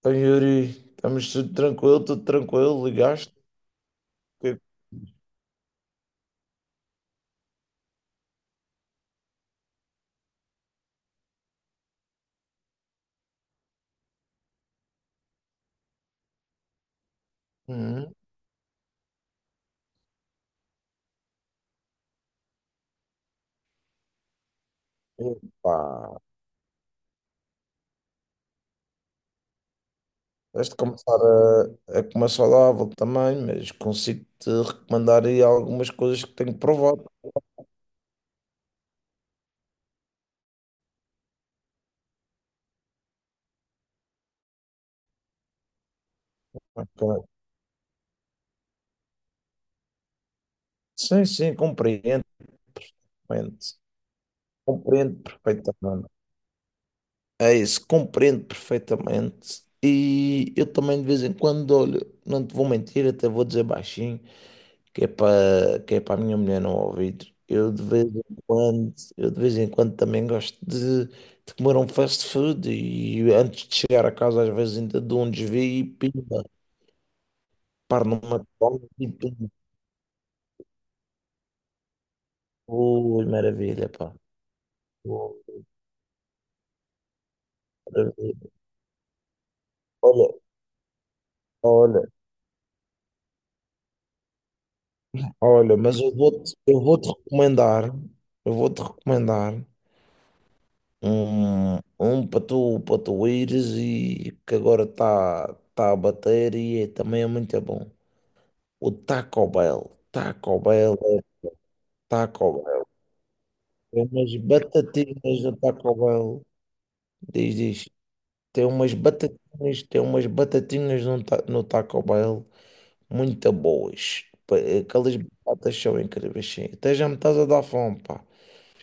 Então, Yuri, estamos tudo tranquilo, ligaste? Que- Uhum. Epá, tens de começar a comer saudável também, mas consigo-te recomendar aí algumas coisas que tenho provado. Ok. Sim, sim, compreendo perfeitamente. Compreendo perfeitamente. É isso, compreendo perfeitamente. E eu também de vez em quando olho, não te vou mentir, até vou dizer baixinho, que é para a minha mulher não ouvir. Eu de vez em quando, eu de vez em quando também gosto de comer um fast food e antes de chegar a casa às vezes ainda dou um desvio e pimba, paro numa cola e pimba. Ui, maravilha, pá. Ui, maravilha. Olha, olha, olha, mas eu vou-te recomendar. Um para tu ires e que agora está a bater e também é muito bom. O Taco Bell. Taco Bell é Taco Bell. Tem umas batatinhas no Taco Bell. Diz, diz. Tem umas batatinhas no, ta, no Taco Bell. Muito boas. Aquelas batatas são incríveis, sim. Até já me estás a dar fome, pá.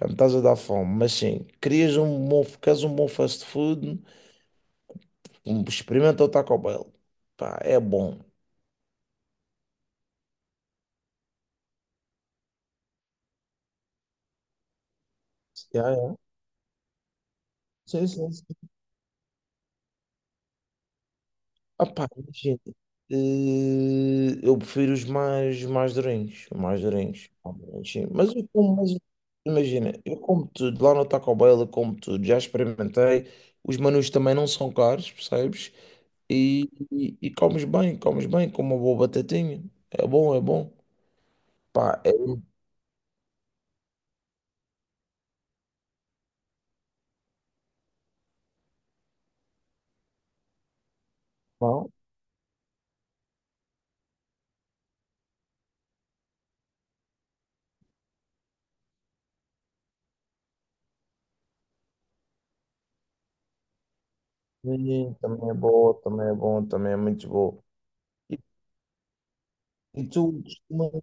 Já me estás a dar fome. Mas sim, queres um bom fast food? Experimenta o Taco Bell. Pá, é bom. Yeah, yeah. Sim, sim, sim. Ah, pá, imagina. Eu prefiro os mais durinhos. Os Mais durinhos. Obviamente, sim. Mas imagina, eu como tudo. Lá no Taco Bell eu como tudo. Já experimentei. Os menus também não são caros, percebes? E comes bem, com uma boa batatinha. É bom, é bom. Pá, é bom. E também é bom, também é bom, também é muito bom. E, e tu costumas.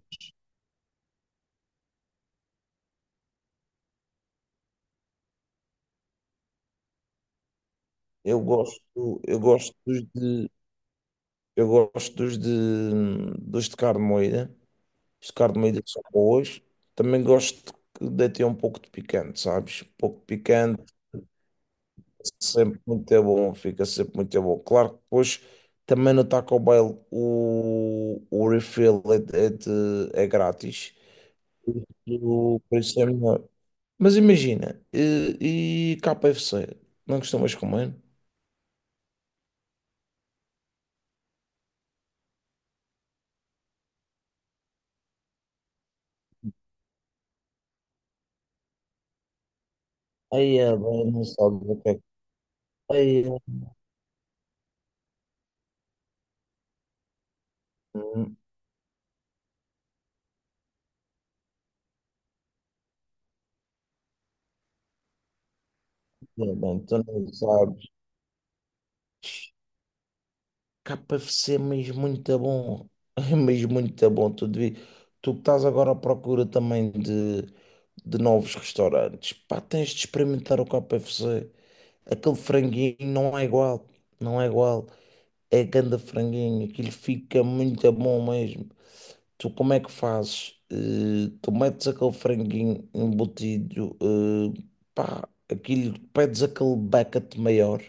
Eu gosto, eu gosto dos de, eu gosto dos de carne moída. Os de carne moída são boas. Também gosto de ter um pouco de picante, sabes? Um pouco de picante, sempre muito é bom, fica sempre muito é bom. Claro que depois também no Taco Bell o refill é grátis. O preço é melhor. Mas imagina, e K F c não costumas comer? Aí é bem, não sabes o que é. Hum, Bom, tu não sabes. KFC é mesmo muito bom. É mesmo muito bom. Tu que estás agora à procura também de novos restaurantes. Pá, tens de experimentar o K F c. Aquele franguinho não é igual. Não é igual. É ganda franguinho. Aquilo fica muito bom mesmo. Tu como é que fazes? Tu metes aquele franguinho embutido. Pá, aquilo, pedes aquele bucket maior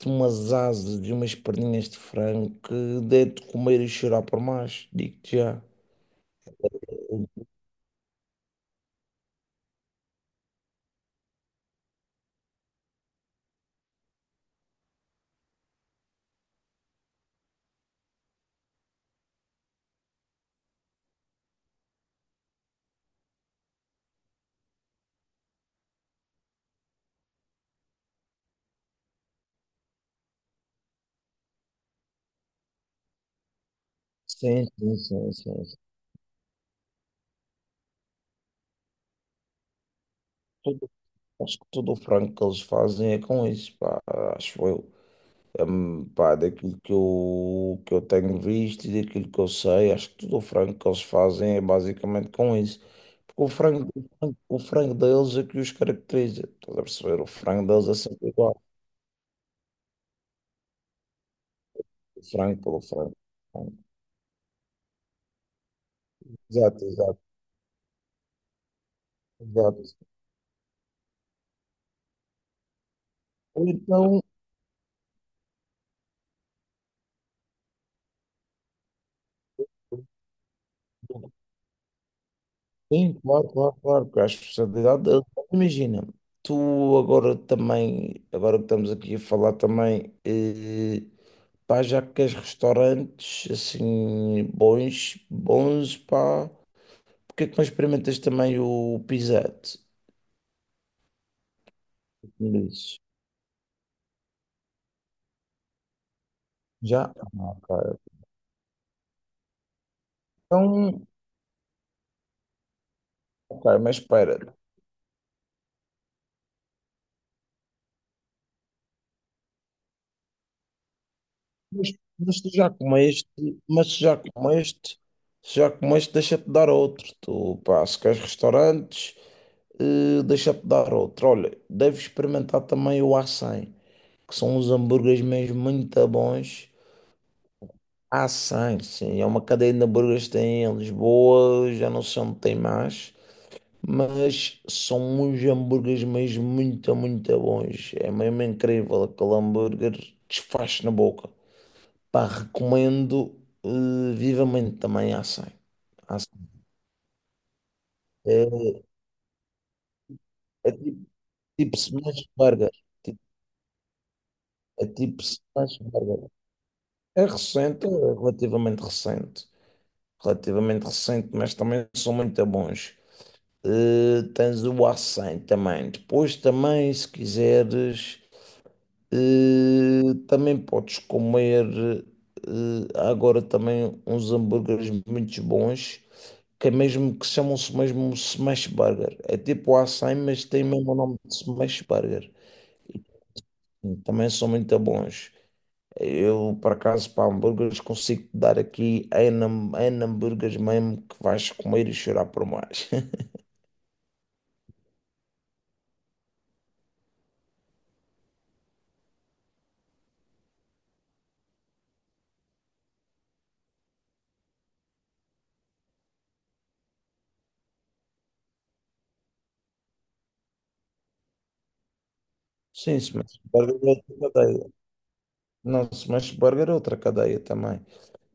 de umas asas, de umas perninhas de frango que dê de comer e chorar por mais, digo-te já. Sim, sim, sim, sim, sim. Tudo- Acho que todo o frango que eles fazem é com isso, pá, acho eu. Pá, daquilo que eu tenho visto e daquilo que eu sei, acho que tudo o frango que eles fazem é basicamente com isso. Porque o frango deles é que os caracteriza. Estás a perceber? O frango deles é sempre igual. O frango pelo frango. Exato, exato, exato. Ou então, sim, claro, claro, claro, porque a especialidade, imagina, tu agora também, agora que estamos aqui a falar também, pá, já que queres restaurantes assim bons, bons, pá, porque é que não experimentas também o Pizzette? Me dizes. Já? Ah, ok. Então, ok, mas espera, mas, mas tu já comeste, mas se já comeste, deixa-te dar outro, tu, pá, se queres restaurantes. Deixa-te dar outro. Olha, deves experimentar também o A100, que são uns hambúrgueres mesmo muito bons. A100, sim, é uma cadeia de hambúrgueres que tem em Lisboa, já não sei onde tem mais, mas são uns hambúrgueres mesmo muito, muito bons. É mesmo incrível, aquele hambúrguer desfaz na boca. Pá, recomendo vivamente também A100. A100 é, é tipo, tipo smash burger, tipo- é tipo smash burger. É recente, é relativamente recente. Relativamente recente, mas também são muito bons. Tens o a também. Depois também, se quiseres, também podes comer. Há agora também uns hambúrgueres muito bons, que é mesmo que chamam-se mesmo smash burger. É tipo o a, mas tem mesmo o nome de smash burger. Também são muito bons. Eu, por acaso, para hambúrgueres, consigo te dar aqui em, hambúrgueres mesmo que vais comer e chorar por mais. Sim, smash burger é outra cadeia. Não, smash burger é outra cadeia também.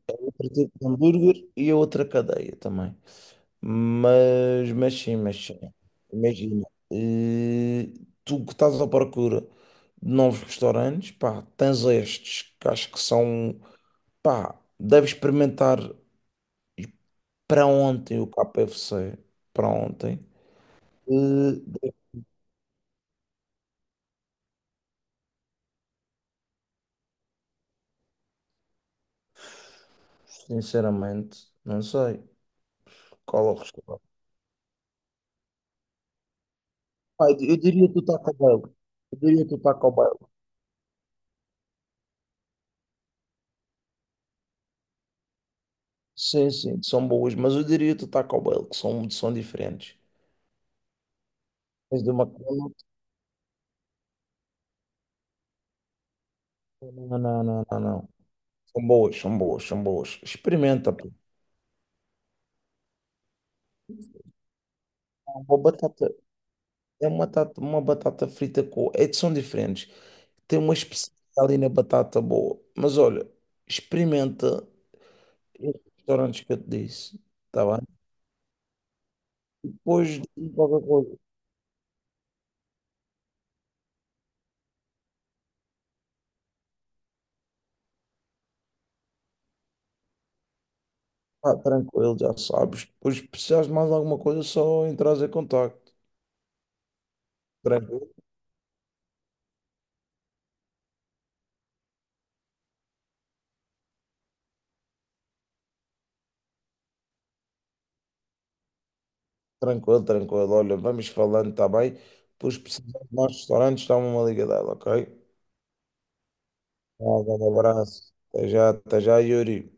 É outro tipo de hambúrguer e é outra cadeia também. Mas sim. Imagina, eh, tu que estás à procura de novos restaurantes, pá, tens estes que acho que são, pá, deves experimentar. Para ontem o KFC, para ontem, eh, devo sinceramente, não sei qual é o restaurante. Pai, eu diria que o Taco Bell. Eu diria que o Taco Bell. Sim, sim, são boas, mas eu diria que o Taco Bell, que são, são diferentes. Mas de uma coisa, não, não, não, não, não. São boas, são boas, são boas. Experimenta, pô. Uma batata, uma batata frita com. É, são diferentes. Tem uma especialidade ali na batata boa. Mas olha, experimenta restaurantes que eu te disse, está bem? Depois diz qualquer coisa, pá, tranquilo, já sabes. Depois, se precisares de mais alguma coisa, só entras em contacto. Tranquilo, Tranquilo. Olha, vamos falando, está bem? Depois, se precisares de mais restaurantes, dá-me uma liga dela, ok? Um grande abraço. Até já, Yuri.